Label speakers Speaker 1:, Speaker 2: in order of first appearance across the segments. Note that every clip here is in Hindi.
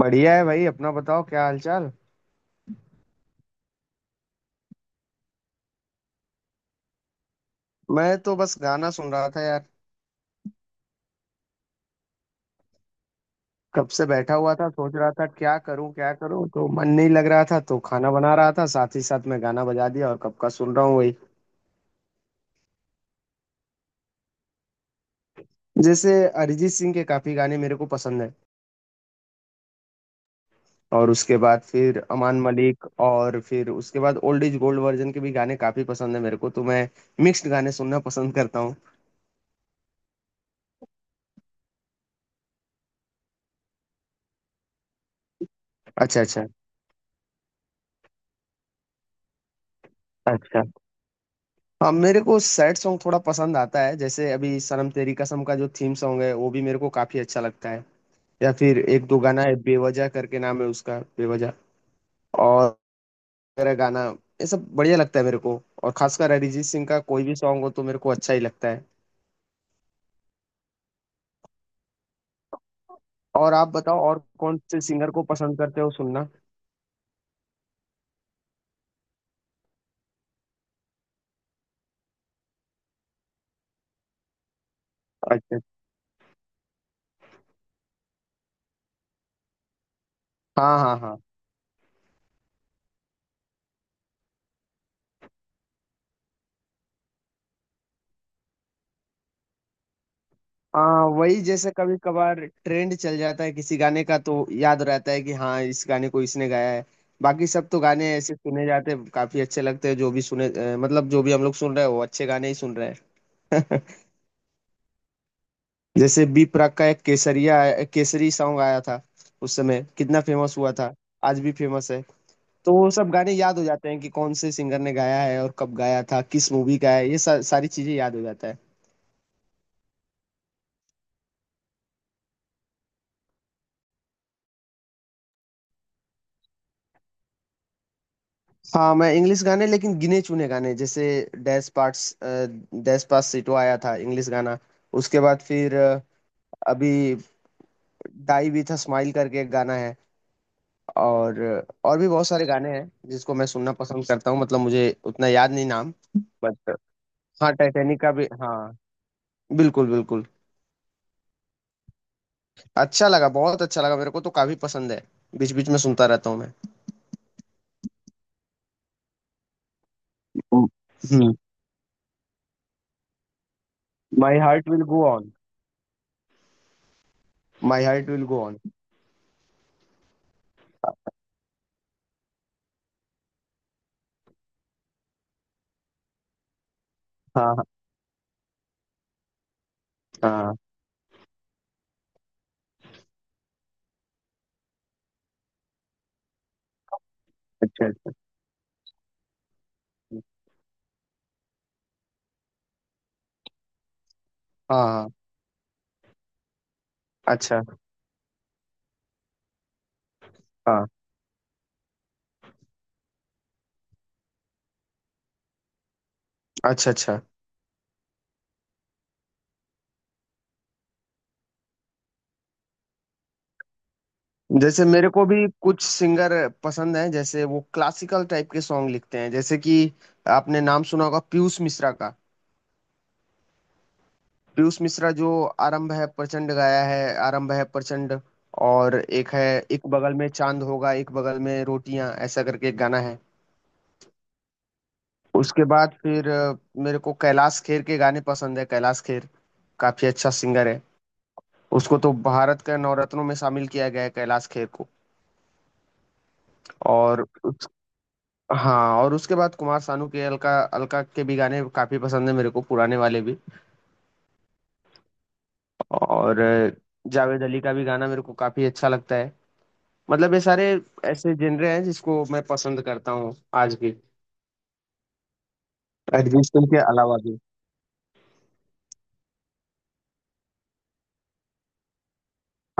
Speaker 1: बढ़िया है भाई अपना बताओ क्या हालचाल। मैं तो बस गाना सुन रहा था यार। कब से बैठा हुआ था सोच रहा था क्या करूं तो मन नहीं लग रहा था तो खाना बना रहा था साथ ही साथ मैं गाना बजा दिया और कब का सुन रहा हूँ वही। जैसे अरिजीत सिंह के काफी गाने मेरे को पसंद है। और उसके बाद फिर अमान मलिक और फिर उसके बाद ओल्ड इज गोल्ड वर्जन के भी गाने काफी पसंद है मेरे को तो मैं मिक्स्ड गाने सुनना पसंद करता हूँ। अच्छा, अच्छा, अच्छा। हाँ, मेरे को सैड सॉन्ग थोड़ा पसंद आता है जैसे अभी सनम तेरी कसम का जो थीम सॉन्ग है वो भी मेरे को काफी अच्छा लगता है। या फिर एक दो गाना है बेवजह करके नाम है उसका बेवजह और मेरा गाना, ये सब बढ़िया लगता है मेरे को। और खासकर अरिजीत सिंह का कोई भी सॉन्ग हो तो मेरे को अच्छा ही लगता है। और आप बताओ और कौन से सिंगर को पसंद करते हो सुनना। अच्छा। हाँ, हाँ, हाँ। हाँ, वही जैसे कभी कभार ट्रेंड चल जाता है किसी गाने का तो याद रहता है कि हाँ इस गाने को इसने गाया है। बाकी सब तो गाने ऐसे सुने जाते हैं काफी अच्छे लगते हैं जो भी सुने, मतलब जो भी हम लोग सुन रहे हैं वो अच्छे गाने ही सुन रहे हैं। जैसे बी प्राक का एक केसरिया एक केसरी सॉन्ग आया था, उस समय कितना फेमस हुआ था। आज भी फेमस है। तो वो सब गाने याद हो जाते हैं कि कौन से सिंगर ने गाया है और कब गाया था किस मूवी का है ये सारी चीजें याद हो जाता है। हाँ मैं इंग्लिश गाने लेकिन गिने चुने गाने, जैसे डैश पार्ट्स, डैश पास सिटो आया था इंग्लिश गाना। उसके बाद फिर अभी डाई भी था, स्माइल करके एक गाना है। और और भी बहुत सारे गाने हैं जिसको मैं सुनना पसंद करता हूँ मतलब मुझे उतना याद नहीं नाम, बट हाँ, टाइटैनिक का भी, हाँ, बिल्कुल बिल्कुल। अच्छा लगा, बहुत अच्छा लगा मेरे को, तो काफी पसंद है। बीच बीच में सुनता रहता हूँ मैं। हम्म। My heart will go on. My heart will go on. हाँ, हाँ, हाँ, अच्छा, अच्छा, हाँ, हाँ, अच्छा, हाँ, अच्छा, अच्छा। जैसे मेरे को भी कुछ सिंगर पसंद हैं, जैसे वो क्लासिकल टाइप के सॉन्ग लिखते हैं, जैसे कि आपने नाम सुना होगा पीयूष मिश्रा का। पीयूष मिश्रा जो आरंभ है प्रचंड गाया है, आरंभ है प्रचंड। और एक है, एक बगल में चांद होगा एक बगल में रोटियां ऐसा करके एक गाना है। उसके बाद फिर मेरे को कैलाश खेर के गाने पसंद है। कैलाश खेर काफी अच्छा सिंगर है। उसको तो भारत के नवरत्नों में शामिल किया गया है, कैलाश खेर को। और हाँ, और उसके बाद कुमार सानू के, अलका अलका के भी गाने काफी पसंद है मेरे को, पुराने वाले भी। और जावेद अली का भी गाना मेरे को काफी अच्छा लगता है। मतलब ये सारे ऐसे जनरे हैं जिसको मैं पसंद करता हूँ आज भी, अरिजीत सिंह के अलावा भी।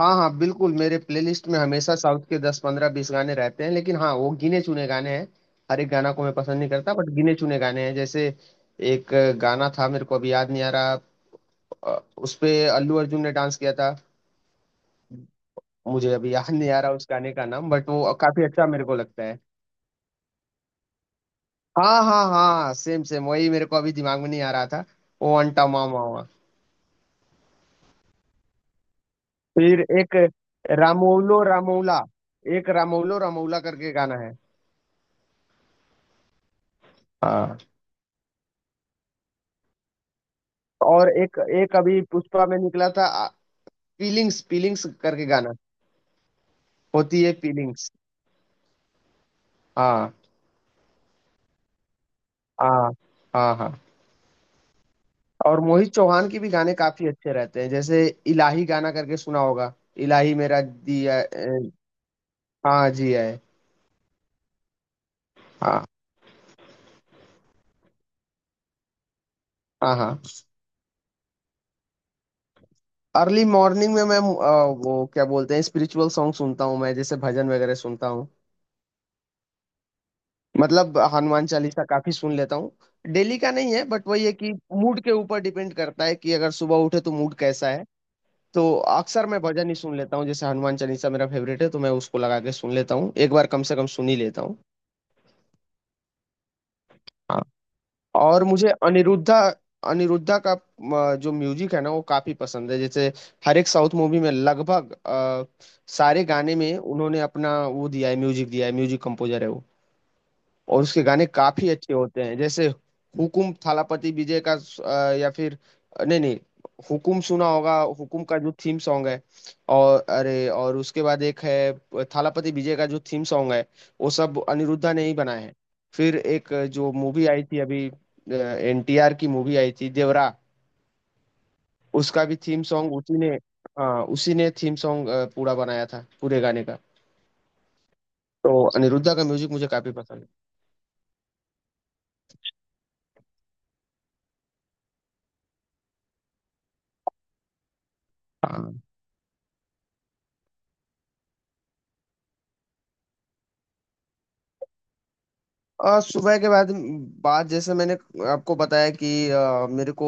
Speaker 1: हाँ, हाँ, बिल्कुल, मेरे प्लेलिस्ट में हमेशा साउथ के 10 15 20 गाने रहते हैं, लेकिन हाँ वो गिने चुने गाने हैं। हर एक गाना को मैं पसंद नहीं करता बट गिने चुने गाने हैं, जैसे एक गाना था, मेरे को अभी याद नहीं आ रहा, उस पे अल्लू अर्जुन ने डांस किया था। मुझे अभी याद नहीं आ रहा उस गाने का नाम, बट वो काफी अच्छा मेरे को लगता है। हाँ, हाँ, हाँ, सेम सेम वही, मेरे को अभी दिमाग में नहीं आ रहा था। ओ अंटा मामा हुआ। फिर एक रामोलो रामोला, एक रामोलो रामोला करके गाना है। हाँ। और एक, एक अभी पुष्पा में निकला था, फीलिंग्स फीलिंग्स करके गाना, होती है फीलिंग्स। हाँ, हाँ, हाँ, हाँ। और मोहित चौहान के भी गाने काफी अच्छे रहते हैं, जैसे इलाही गाना करके सुना होगा। इलाही मेरा दिया हाँ जी है। हाँ, हाँ, हाँ। अर्ली मॉर्निंग में मैं वो क्या बोलते हैं, स्पिरिचुअल सॉन्ग सुनता हूँ मैं, जैसे भजन वगैरह सुनता हूँ। मतलब हनुमान चालीसा काफी सुन लेता हूँ। डेली का नहीं है बट वही है कि मूड के ऊपर डिपेंड करता है कि अगर सुबह उठे तो मूड कैसा है। तो अक्सर मैं भजन ही सुन लेता हूँ, जैसे हनुमान चालीसा मेरा फेवरेट है तो मैं उसको लगा के सुन लेता हूँ, एक बार कम से कम सुन ही लेता हूँ। और मुझे अनिरुद्धा, अनिरुद्धा का जो म्यूजिक है ना वो काफी पसंद है, जैसे हर एक साउथ मूवी में लगभग सारे गाने में उन्होंने अपना वो दिया है, म्यूजिक दिया है, म्यूजिक कंपोजर है वो। और उसके गाने काफी अच्छे होते हैं, जैसे हुकुम, थालापति विजय का या फिर, नहीं नहीं, हुकुम सुना होगा, हुकुम का जो थीम सॉन्ग है। और अरे, और उसके बाद एक है थालापति विजय का जो थीम सॉन्ग है, वो सब अनिरुद्धा ने ही बनाए हैं। फिर एक जो मूवी आई थी अभी, एनटीआर की मूवी आई थी देवरा, उसका भी थीम सॉन्ग उसी ने, हाँ उसी ने थीम सॉन्ग पूरा बनाया था, पूरे गाने का। तो अनिरुद्धा का म्यूजिक मुझे काफी पसंद है। सुबह के बाद, बाद जैसे मैंने आपको बताया कि मेरे को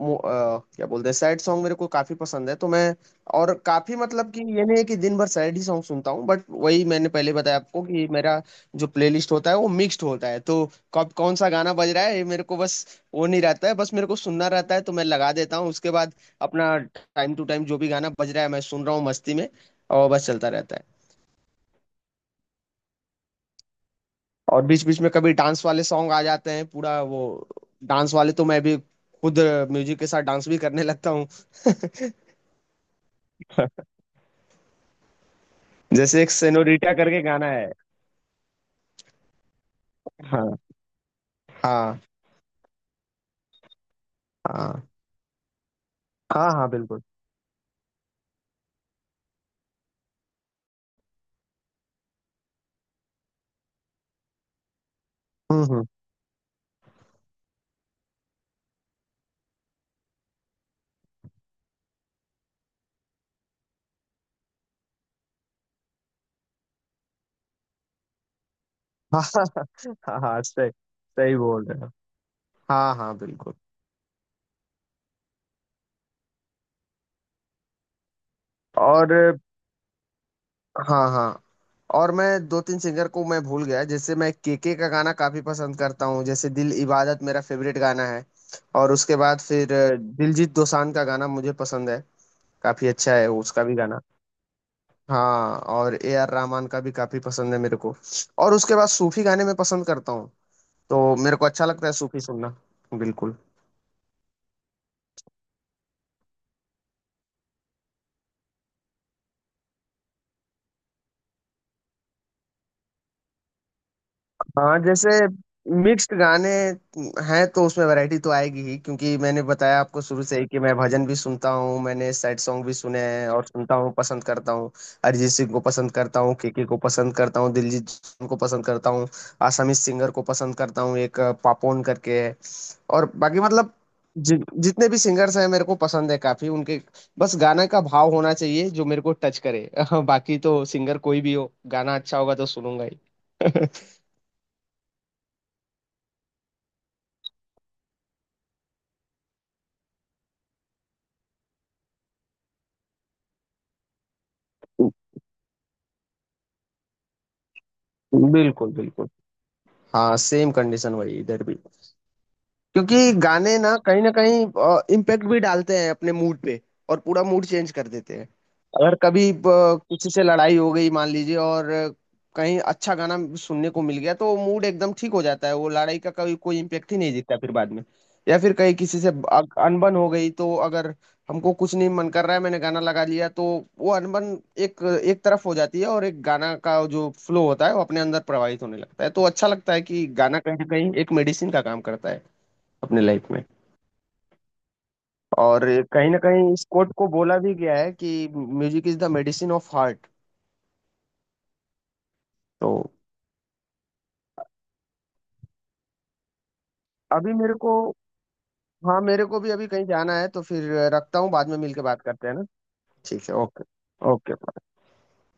Speaker 1: क्या बोलते हैं, सैड सॉन्ग मेरे को काफी पसंद है तो मैं, और काफी, मतलब कि ये नहीं है कि दिन भर सैड ही सॉन्ग सुनता हूँ, बट वही मैंने पहले बताया आपको कि मेरा जो प्लेलिस्ट होता है वो मिक्स्ड होता है। तो कब कौन सा गाना बज रहा है ये मेरे को बस वो नहीं रहता है, बस मेरे को सुनना रहता है तो मैं लगा देता हूँ, उसके बाद अपना टाइम टू टाइम जो भी गाना बज रहा है मैं सुन रहा हूँ मस्ती में, और बस चलता रहता है। और बीच बीच में कभी डांस वाले सॉन्ग आ जाते हैं पूरा वो, डांस वाले तो मैं भी खुद म्यूजिक के साथ डांस भी करने लगता हूँ। जैसे एक सेनोरिटा करके गाना है। हाँ, हाँ, हाँ। हाँ, हाँ, बिल्कुल। हम्म, हम्म। हाँ, हाँ। हाँ, हाँ, सही सही बोल रहे हो। हाँ, हाँ, बिल्कुल। और हाँ, हाँ, और मैं दो तीन सिंगर को मैं भूल गया, जैसे मैं केके का गाना काफी पसंद करता हूँ, जैसे दिल इबादत मेरा फेवरेट गाना है। और उसके बाद फिर दिलजीत दोसांझ का गाना मुझे पसंद है, काफी अच्छा है उसका भी गाना। हाँ, और ए आर रहमान का भी काफी पसंद है मेरे को, और उसके बाद सूफी गाने मैं पसंद करता हूँ। तो मेरे को अच्छा लगता है सूफी सुनना। बिल्कुल। हाँ, जैसे मिक्स्ड गाने हैं तो उसमें वैरायटी तो आएगी ही, क्योंकि मैंने बताया आपको शुरू से ही कि मैं भजन भी सुनता हूँ, मैंने सैड सॉन्ग भी सुने हैं और सुनता हूँ, पसंद करता हूँ। अरिजीत सिंह को पसंद करता हूँ, केके को पसंद करता हूँ, दिलजीत दोसांझ को पसंद करता हूँ, आसामी सिंगर को पसंद करता हूँ, एक पापोन करके है। और बाकी मतलब जितने भी सिंगर्स हैं मेरे को पसंद है काफी उनके। बस गाना का भाव होना चाहिए जो मेरे को टच करे बाकी तो सिंगर कोई भी हो, गाना अच्छा होगा तो सुनूंगा ही। बिल्कुल, बिल्कुल। हाँ, सेम कंडीशन वही इधर भी, क्योंकि गाने ना कहीं इम्पैक्ट भी डालते हैं अपने मूड पे और पूरा मूड चेंज कर देते हैं। अगर कभी किसी से लड़ाई हो गई मान लीजिए और कहीं अच्छा गाना सुनने को मिल गया तो मूड एकदम ठीक हो जाता है, वो लड़ाई का कभी कोई इम्पैक्ट ही नहीं दिखता फिर बाद में। या फिर कहीं किसी से अनबन हो गई तो अगर हमको कुछ नहीं मन कर रहा है मैंने गाना लगा लिया तो वो अनबन एक एक तरफ हो जाती है और एक गाना का जो फ्लो होता है वो अपने अंदर प्रवाहित होने लगता है, तो अच्छा लगता है कि गाना कहीं ना कहीं एक मेडिसिन का काम करता है अपने लाइफ में। और कहीं ना कहीं इस कोट को बोला भी गया है कि music is the medicine of heart. तो अभी मेरे को, हाँ मेरे को भी अभी कहीं जाना है तो फिर रखता हूँ, बाद में मिलके बात करते हैं ना। ठीक है, ओके। ओके।